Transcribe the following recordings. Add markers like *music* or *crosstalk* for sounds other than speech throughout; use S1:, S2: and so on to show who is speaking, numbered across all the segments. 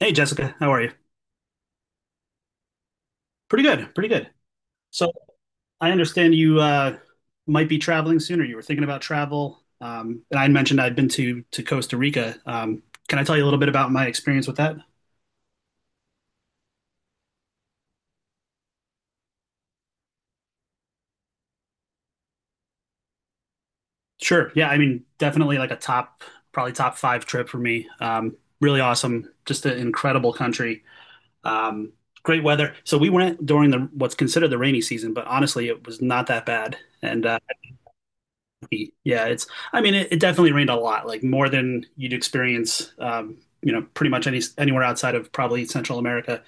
S1: Hey, Jessica, how are you? Pretty good, pretty good. So I understand you might be traveling soon, or you were thinking about travel. And I had mentioned I'd been to Costa Rica. Can I tell you a little bit about my experience with that? Sure. Yeah, I mean, definitely like a top, probably top five trip for me. Really awesome, just an incredible country. Um, Great weather. So we went during the what's considered the rainy season, but honestly, it was not that bad. And yeah, it's. I mean, it definitely rained a lot, like more than you'd experience, you know, pretty much anywhere outside of probably Central America.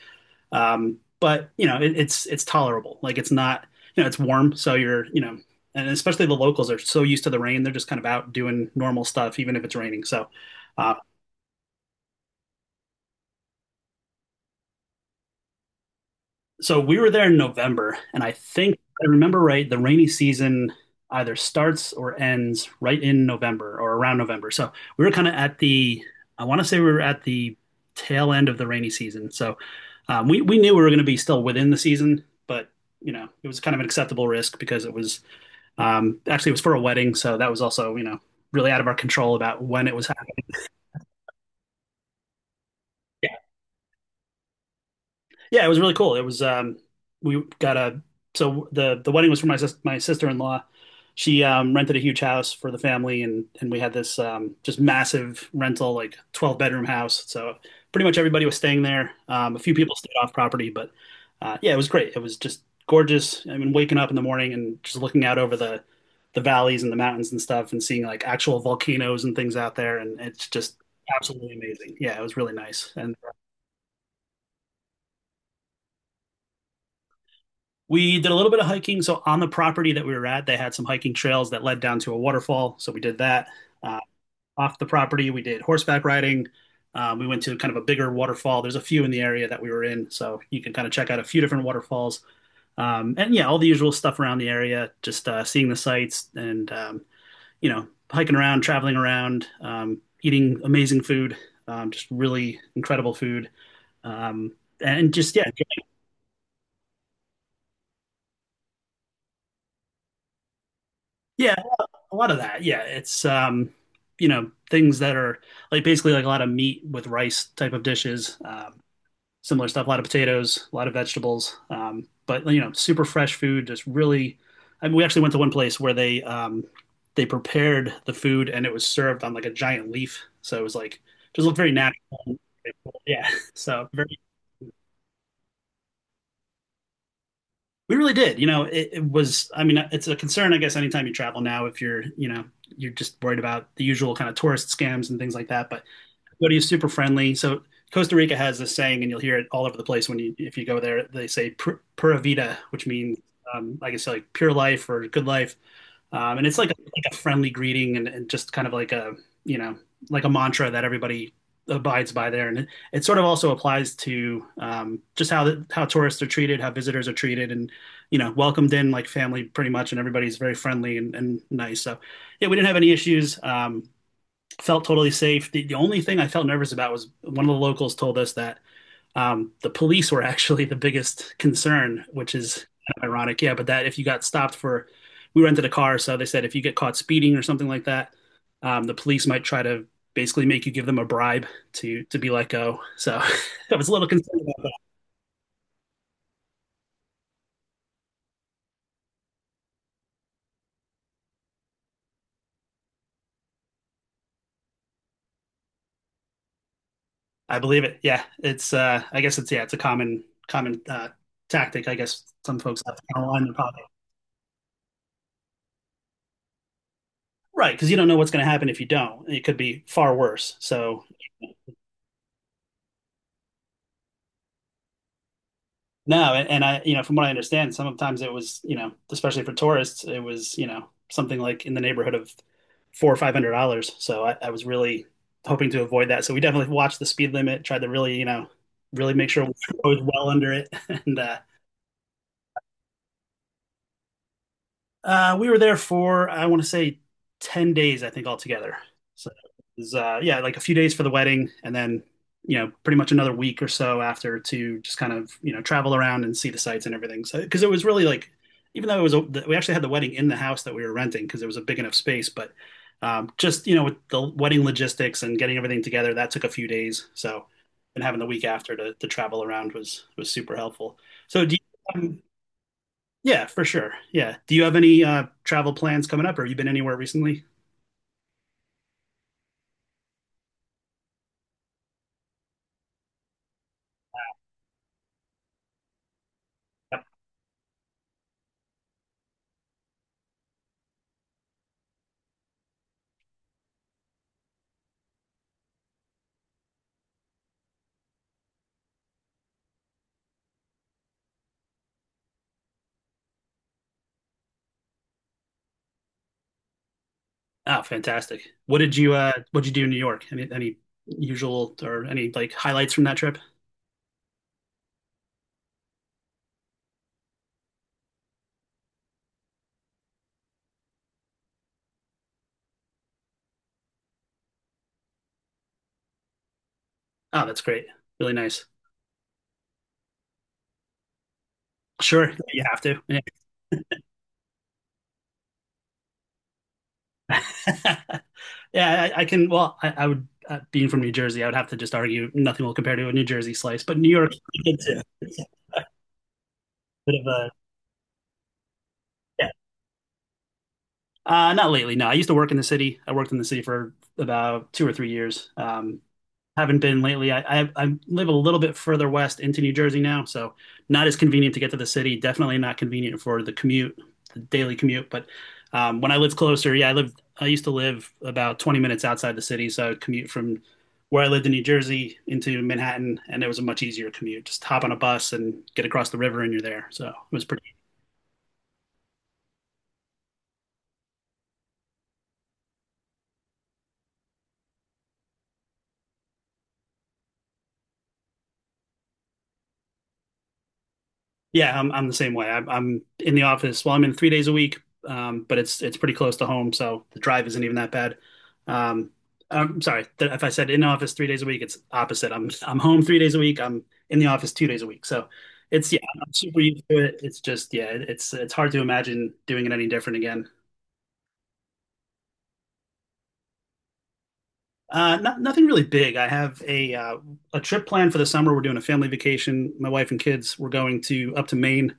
S1: But you know, it's tolerable. Like it's not, it's warm, so you're, and especially the locals are so used to the rain, they're just kind of out doing normal stuff, even if it's raining. So, so we were there in November, and I think if I remember right, the rainy season either starts or ends right in November or around November. So we were kind of at the, I want to say we were at the tail end of the rainy season. So we knew we were going to be still within the season, but it was kind of an acceptable risk because it was actually it was for a wedding, so that was also really out of our control about when it was happening. Yeah, it was really cool. It was we got a so the wedding was for my sister-in-law. She rented a huge house for the family and we had this just massive rental like 12-bedroom house. So pretty much everybody was staying there. A few people stayed off property, but yeah, it was great. It was just gorgeous. I mean waking up in the morning and just looking out over the valleys and the mountains and stuff and seeing like actual volcanoes and things out there, and it's just absolutely amazing. Yeah, it was really nice. And we did a little bit of hiking. So on the property that we were at, they had some hiking trails that led down to a waterfall. So we did that. Uh, off the property, we did horseback riding. We went to kind of a bigger waterfall. There's a few in the area that we were in, so you can kind of check out a few different waterfalls. And yeah, all the usual stuff around the area, just seeing the sights and hiking around, traveling around, eating amazing food, just really incredible food, um, and just yeah, yeah, a lot of that. Yeah, it's you know things that are like basically like a lot of meat with rice type of dishes. Similar stuff, a lot of potatoes, a lot of vegetables. But you know, super fresh food. Just really, I mean, we actually went to one place where they prepared the food and it was served on like a giant leaf, so it was like just looked very natural. Yeah, *laughs* so very, we really did. You know, it was. I mean, it's a concern, I guess, anytime you travel now, if you're, you're just worried about the usual kind of tourist scams and things like that. But Cody's super friendly. So Costa Rica has this saying, and you'll hear it all over the place when you if you go there. They say "pura vida," which means I guess like pure life or good life, and it's like a friendly greeting and just kind of like a you know like a mantra that everybody abides by there, and it sort of also applies to just how the, how tourists are treated, how visitors are treated, and welcomed in like family pretty much, and everybody's very friendly and nice. So yeah, we didn't have any issues. Felt totally safe. The only thing I felt nervous about was one of the locals told us that the police were *laughs* actually the biggest concern, which is kind of ironic. Yeah, but that if you got stopped for, we rented a car, so they said if you get caught speeding or something like that, the police might try to basically make you give them a bribe to be let go. So *laughs* I was a little concerned about that. I believe it. Yeah, it's I guess it's a common tactic. I guess some folks have to kind of line their right, because you don't know what's going to happen if you don't. It could be far worse. So no, and I, you know, from what I understand, sometimes it was, you know, especially for tourists, it was, you know, something like in the neighborhood of four or five hundred dollars. So I was really hoping to avoid that. So we definitely watched the speed limit, tried to really, you know, really make sure we were always well under it, *laughs* and uh, we were there for I want to say 10 days, I think altogether. So it was, yeah, like a few days for the wedding, and then pretty much another week or so after to just kind of travel around and see the sites and everything. So because it was really like even though it was a, we actually had the wedding in the house that we were renting because it was a big enough space, but just you know with the wedding logistics and getting everything together, that took a few days. So and having the week after to travel around was super helpful. So do you, um, yeah, for sure. Yeah. Do you have any travel plans coming up or have you been anywhere recently? Yep. Ah, fantastic. What did you do in New York? Any usual or any like highlights from that trip? Oh, that's great. Really nice. Sure. You have to. Yeah, *laughs* yeah I can well, I would being from New Jersey, I would have to just argue nothing will compare to a New Jersey slice, but New York *laughs* good too. It's a bit of a yeah. Not lately. No, I used to work in the city. I worked in the city for about 2 or 3 years. Haven't been lately. I live a little bit further west into New Jersey now, so not as convenient to get to the city. Definitely not convenient for the commute, the daily commute. But when I lived closer, yeah, I lived. I used to live about 20 minutes outside the city, so I would commute from where I lived in New Jersey into Manhattan, and it was a much easier commute. Just hop on a bus and get across the river, and you're there. So it was pretty. Yeah, I'm the same way. I'm in the office. Well, I'm in 3 days a week, but it's pretty close to home, so the drive isn't even that bad. Um, I'm sorry if I said in office 3 days a week, it's opposite. I'm home 3 days a week. I'm in the office 2 days a week. So it's yeah, I'm super used to it. It's just yeah, it's hard to imagine doing it any different again. Nothing really big. I have a trip planned for the summer. We're doing a family vacation. My wife and kids. We're going to up to Maine.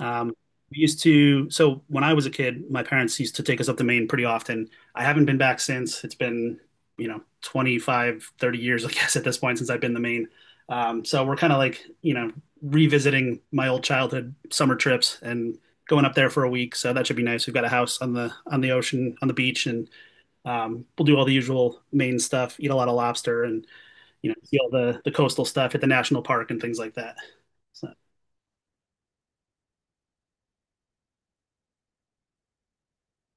S1: Um, we used to, so when I was a kid, my parents used to take us up to Maine pretty often. I haven't been back since. It's been, you know, 25, 30 years, I *laughs* guess, at this point since I've been to Maine. So we're kind of like, you know, revisiting my old childhood summer trips and going up there for a week. So that should be nice. We've got a house on the ocean, on the beach, and we'll do all the usual Maine stuff, eat a lot of lobster, and you know, see all the coastal stuff, hit the national park and things like that. So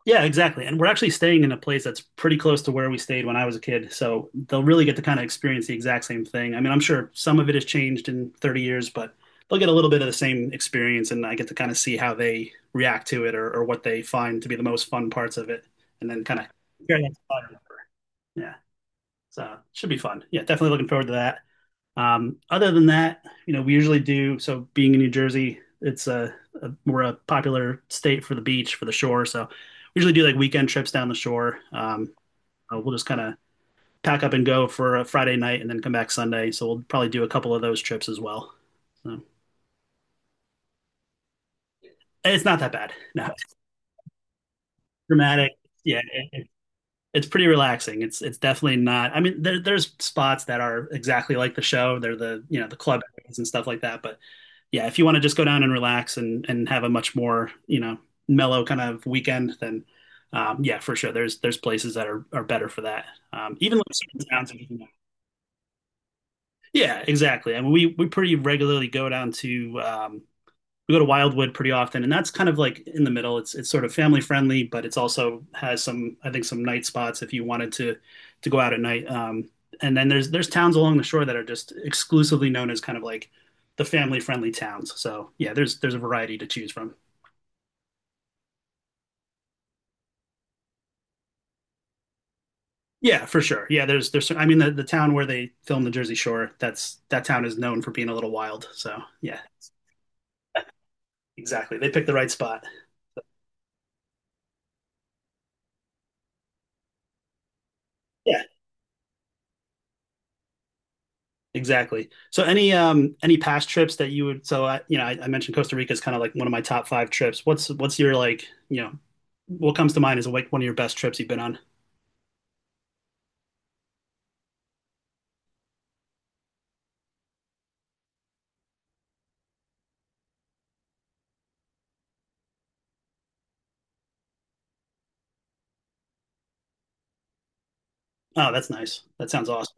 S1: yeah, exactly. And we're actually staying in a place that's pretty close to where we stayed when I was a kid. So they'll really get to kind of experience the exact same thing. I mean, I'm sure some of it has changed in 30 years, but they'll get a little bit of the same experience. And I get to kind of see how they react to it or what they find to be the most fun parts of it. And then kind of compare that to fire. Yeah. So it should be fun. Yeah, definitely looking forward to that. Other than that, you know, we usually do. So being in New Jersey, it's a popular state for the beach, for the shore. So we usually do like weekend trips down the shore. We'll just kind of pack up and go for a Friday night and then come back Sunday. So we'll probably do a couple of those trips as well. So and it's not that bad. *laughs* No, it's dramatic. Yeah, it's pretty relaxing. It's definitely not. I mean, there's spots that are exactly like the show. They're the you know the club areas and stuff like that, but yeah, if you want to just go down and relax and have a much more, you know, mellow kind of weekend, then yeah, for sure. There's places that are better for that. Even like certain towns, if you know. Yeah, exactly. I mean, we pretty regularly go down to we go to Wildwood pretty often, and that's kind of like in the middle. It's sort of family friendly, but it's also has some I think some night spots if you wanted to go out at night. And then there's towns along the shore that are just exclusively known as kind of like the family friendly towns. So yeah, there's a variety to choose from. Yeah, for sure. Yeah, there's I mean the town where they film the Jersey Shore, that's that town is known for being a little wild. So yeah, exactly. They picked the right spot. Yeah, exactly. So any past trips that you would so I you know I mentioned Costa Rica is kind of like one of my top five trips. What's your like you know what comes to mind is like one of your best trips you've been on? Oh, that's nice. That sounds awesome.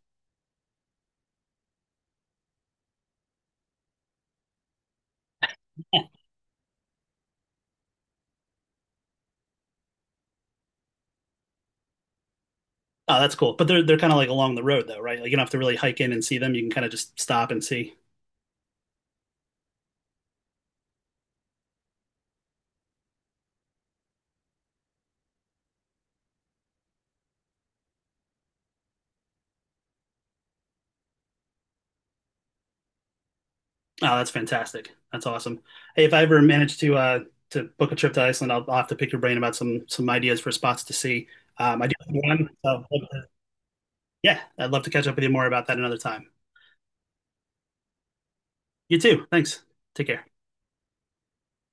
S1: Oh, that's cool. But they're kind of like along the road though, right? Like you don't have to really hike in and see them. You can kind of just stop and see. Oh, that's fantastic. That's awesome. Hey, if I ever manage to book a trip to Iceland, I'll have to pick your brain about some ideas for spots to see. I do have one, so yeah, I'd love to catch up with you more about that another time. You too. Thanks. Take care.